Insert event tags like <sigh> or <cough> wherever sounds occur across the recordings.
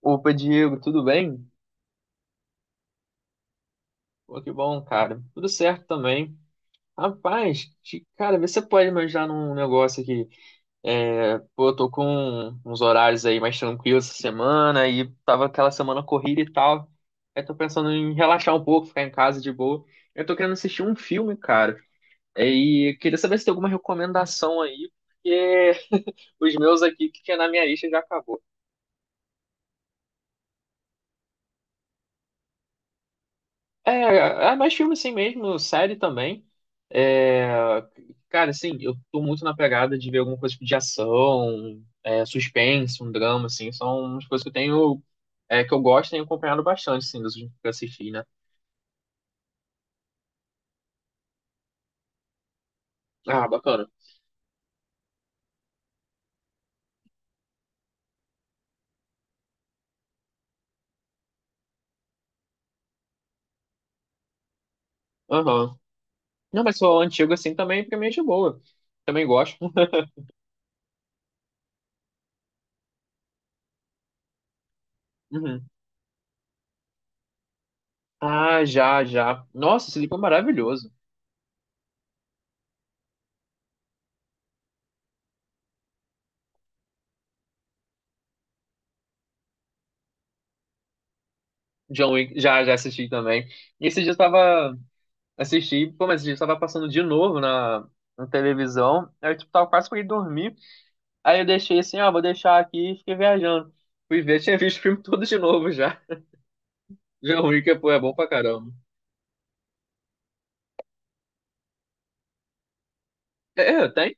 Opa, Diego, tudo bem? Pô, que bom, cara. Tudo certo também. Rapaz, cara, vê se você pode me ajudar num negócio aqui. É, pô, eu tô com uns horários aí mais tranquilos essa semana e tava aquela semana corrida e tal. Aí tô pensando em relaxar um pouco, ficar em casa de boa. Eu tô querendo assistir um filme, cara. E queria saber se tem alguma recomendação aí, porque os meus aqui que tinha na minha lista já acabou. É, é mais filme assim mesmo, série também. É, cara, assim, eu tô muito na pegada de ver alguma coisa tipo de ação, é, suspense, um drama, assim, são umas coisas que eu tenho, é, que eu gosto e tenho acompanhado bastante, assim, dos últimos que eu assisti, né? Ah, bacana. Aham. Não, mas sou antigo, assim, também, pra mim é de boa. Também gosto. Uhum. Ah, já, já. Nossa, esse livro é maravilhoso. John Wick, já, já assisti também. E esse dia eu tava. Assisti, pô, mas eu tava passando de novo na, na televisão. Aí eu tipo, tava quase pra ir dormir. Aí eu deixei assim, ah, vou deixar aqui e fiquei viajando. Fui ver, <laughs> tinha visto o filme todo de novo já. Já é ruim que pô, é bom pra caramba. É, tem.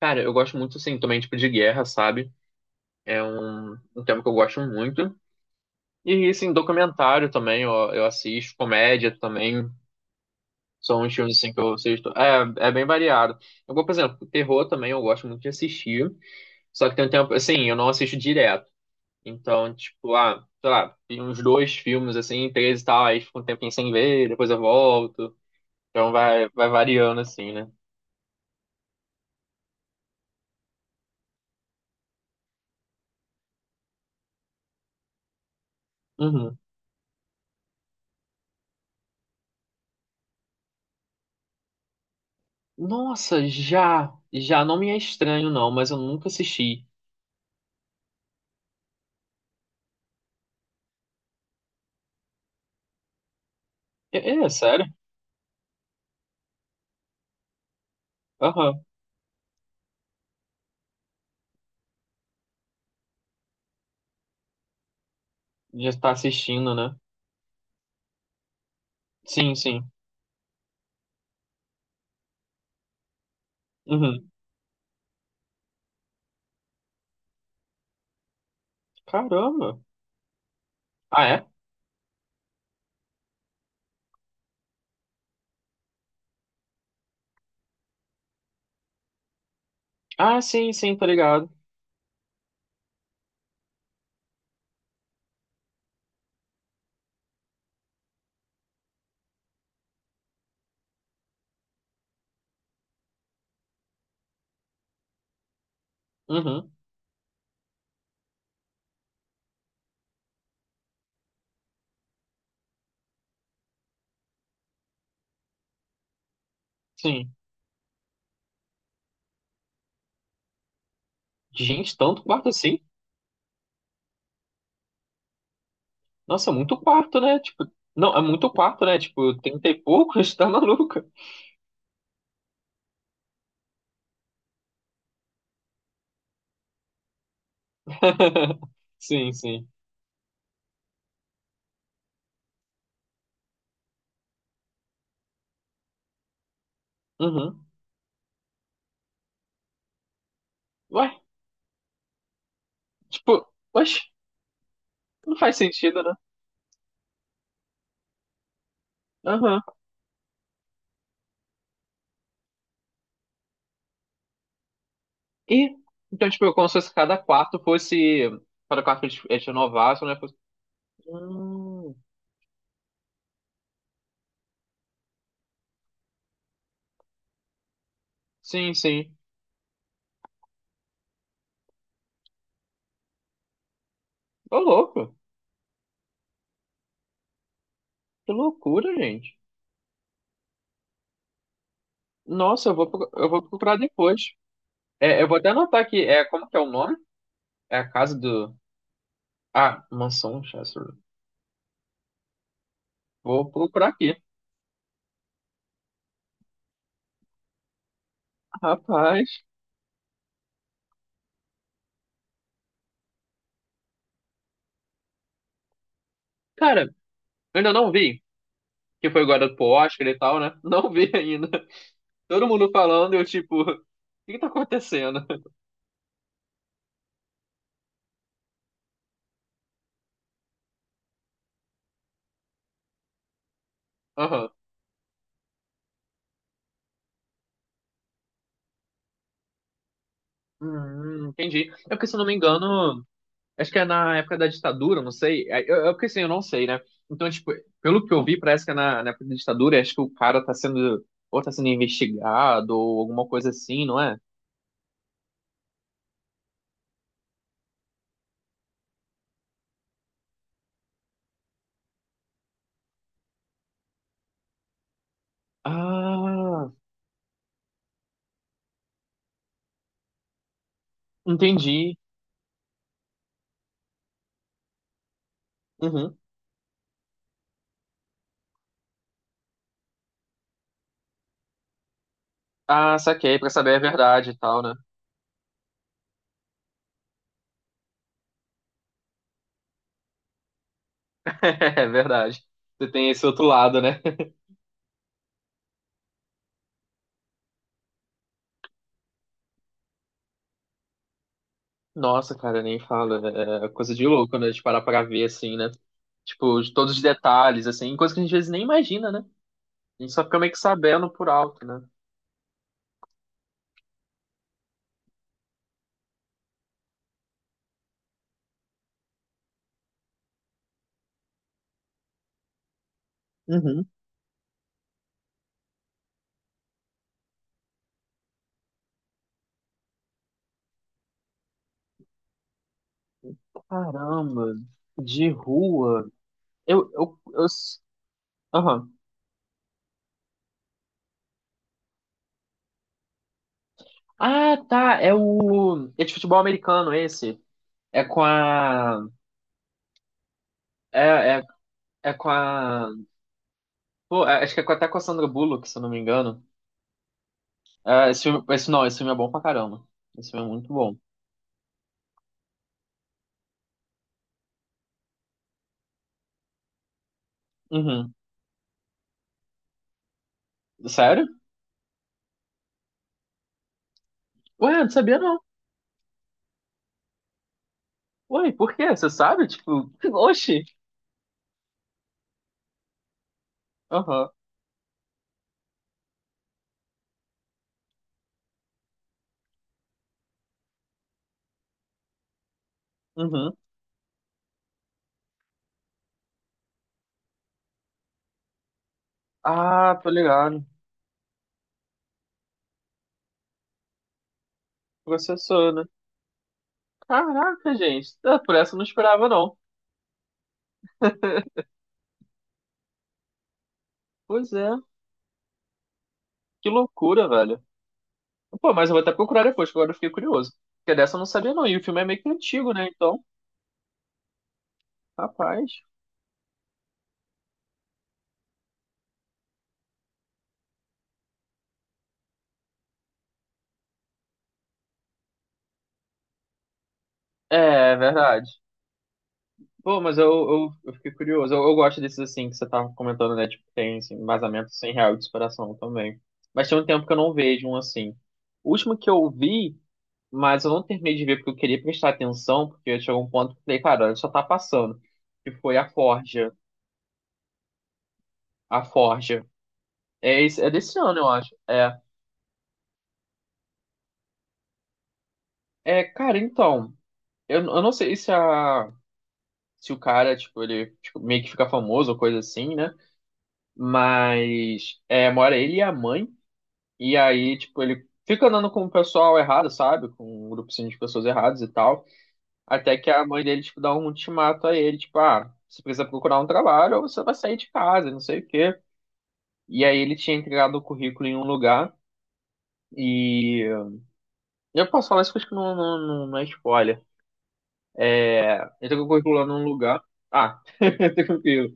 Cara, eu gosto muito, assim, também, tipo, de guerra, sabe? É um, um tema que eu gosto muito. E, assim, documentário também, ó, eu assisto, comédia também. São uns filmes, assim, que eu assisto. É, é bem variado. Eu, vou, por exemplo, terror também eu gosto muito de assistir. Só que tem um tempo, assim, eu não assisto direto. Então, tipo, ah, sei lá, vi uns dois filmes assim, três e tal, aí fico um tempinho sem ver, depois eu volto. Então vai, vai variando assim, né? Uhum. Nossa, já, já não me é estranho não, mas eu nunca assisti. É, é, é sério? Aham, já tá assistindo, né? Sim, sim. Uhum. Caramba. Ah, é? Ah, sim, sim, tá ligado. Uhum, sim. Gente, tanto quarto assim? Nossa, muito quarto, né? Tipo, não, é muito quarto, né? Tipo, trinta e poucos, <laughs> tá maluco? <laughs> Sim, sim. Uhum. Ué, tipo, oxe, não faz sentido, né? Aham. E, então, tipo, como se fosse cada quarto fosse. Cada quarto que eles renovassem, né? Fosse... Hum, sim, sim. Ô, louco. Que loucura, gente. Nossa, eu vou, eu vou procurar depois. É, eu vou até anotar aqui. É, como que é o nome? É a casa do. Ah, Mansão Chester. Vou procurar aqui. Rapaz. Cara, eu ainda não vi. Que foi agora pro Oscar e tal, né? Não vi ainda. Todo mundo falando, eu tipo, <laughs> o que que tá acontecendo? Aham. Entendi. É porque, se eu não me engano, acho que é na época da ditadura, não sei. É é porque assim, eu não sei, né? Então, tipo, pelo que eu vi, parece que é na, na época da ditadura, acho que o cara tá sendo, ou tá sendo investigado, ou alguma coisa assim, não é? Ah, entendi. Uhum. Ah, saquei, pra saber a verdade e tal, né? <laughs> É verdade. Você tem esse outro lado, né? Nossa, cara, nem fala. É coisa de louco, né? De parar pra ver, assim, né? Tipo, de todos os detalhes, assim, coisa que a gente às vezes nem imagina, né? A gente só fica meio que sabendo por alto, né? Uhum. Caramba, de rua. Eu, eu, eu... s- Aham. Ah, tá. É o. É de futebol americano esse. É com a. É, é, é com a. Pô, acho que é até com a Sandra Bullock, se eu não me engano. É, esse filme... esse não, esse filme é bom pra caramba. Esse filme é muito bom. Uhum. Sério? Ué, não sabia não. Ué, por quê? Você sabe? Tipo, <laughs> oxi. Aham. Uhum. Ah, tô ligado. Processou, né? Caraca, gente. Ah, por essa eu não esperava, não. Pois é. Que loucura, velho. Pô, mas eu vou até procurar depois, que agora eu fiquei curioso. Porque dessa eu não sabia, não. E o filme é meio que antigo, né? Então, rapaz. É, é verdade. Pô, mas eu fiquei curioso. Eu gosto desses, assim, que você tava comentando, né? Tipo, tem assim, embasamento sem real de inspiração também. Mas tem um tempo que eu não vejo um assim. O último que eu vi. Mas eu não terminei de ver porque eu queria prestar atenção, porque chegou um ponto que eu falei, cara, olha, só tá passando. Que foi a Forja. A Forja. É, é desse ano, eu acho. É. É, cara, então. Eu não sei se a. Se o cara, tipo, ele tipo, meio que fica famoso ou coisa assim, né? Mas é, mora ele e a mãe. E aí, tipo, ele fica andando com o pessoal errado, sabe? Com um grupo assim, de pessoas erradas e tal. Até que a mãe dele, tipo, dá um ultimato a ele, tipo, ah, você precisa procurar um trabalho ou você vai sair de casa, não sei o quê. E aí ele tinha entregado o currículo em um lugar e... Eu posso falar isso, que eu acho que não é spoiler. É... Entregou o currículo lá num lugar... Ah, <laughs> tranquilo.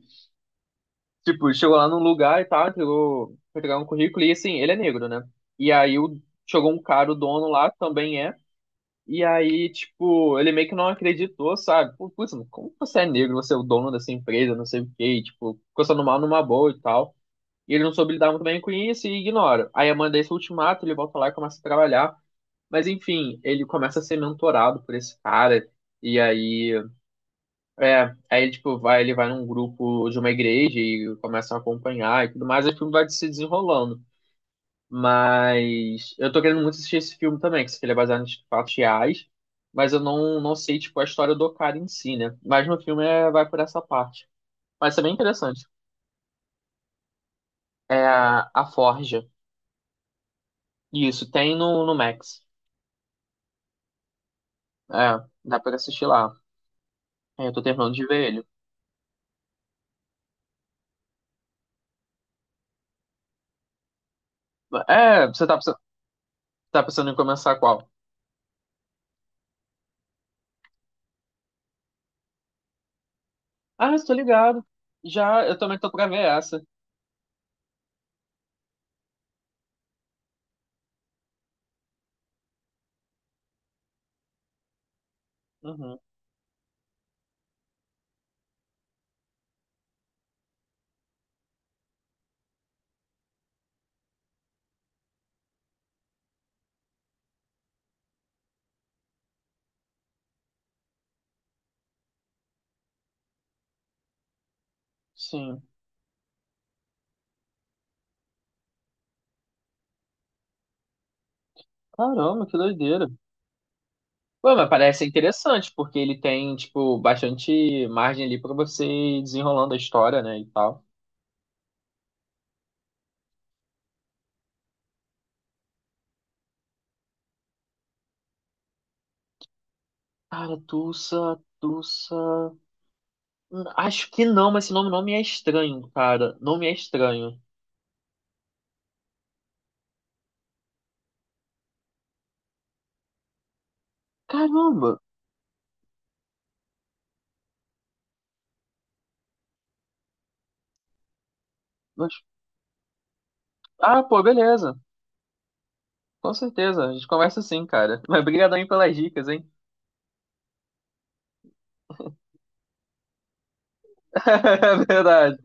Tipo, chegou lá num lugar e tal, entregou... Foi entregar um currículo e, assim, ele é negro, né? E aí o... chegou um cara, o dono lá, também é. E aí, tipo, ele meio que não acreditou, sabe? Pô, putz, mano, como você é negro, você é o dono dessa empresa, não sei o quê, e, tipo, ficou sendo mal numa boa e tal. E ele não soube lidar muito bem com isso e ignora. Aí eu mandei esse ultimato, ele volta lá e começa a trabalhar. Mas enfim, ele começa a ser mentorado por esse cara. E aí, é, aí tipo, vai, ele vai num grupo de uma igreja e começa a acompanhar e tudo mais, e o filme vai se desenrolando. Mas eu tô querendo muito assistir esse filme também, que ele é baseado em fatos reais, mas eu não, não sei, tipo, a história do cara em si, né? Mas no filme é, vai por essa parte. Mas é bem interessante. É a Forja. Isso, tem no, no Max. É, dá pra assistir lá. É, eu tô terminando de ver ele. É, você tá, tá pensando em começar qual? Ah, estou ligado. Já, eu também tô pra ver essa. Uhum, sim. Caramba, que doideira. Pô, mas parece interessante, porque ele tem, tipo, bastante margem ali pra você ir desenrolando a história, né, e tal. Cara, Tulsa, Tulsa... acho que não, mas esse nome não me é estranho, cara. Não me é estranho. Caramba! Mas... Ah, pô, beleza. Com certeza, a gente conversa sim, cara. <laughs> Mas brigadão aí pelas dicas, hein? <laughs> Verdade,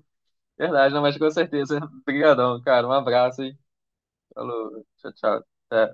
verdade, não, mas com certeza. <laughs> Obrigadão, cara. Um abraço, hein? Falou, tchau, tchau. Até.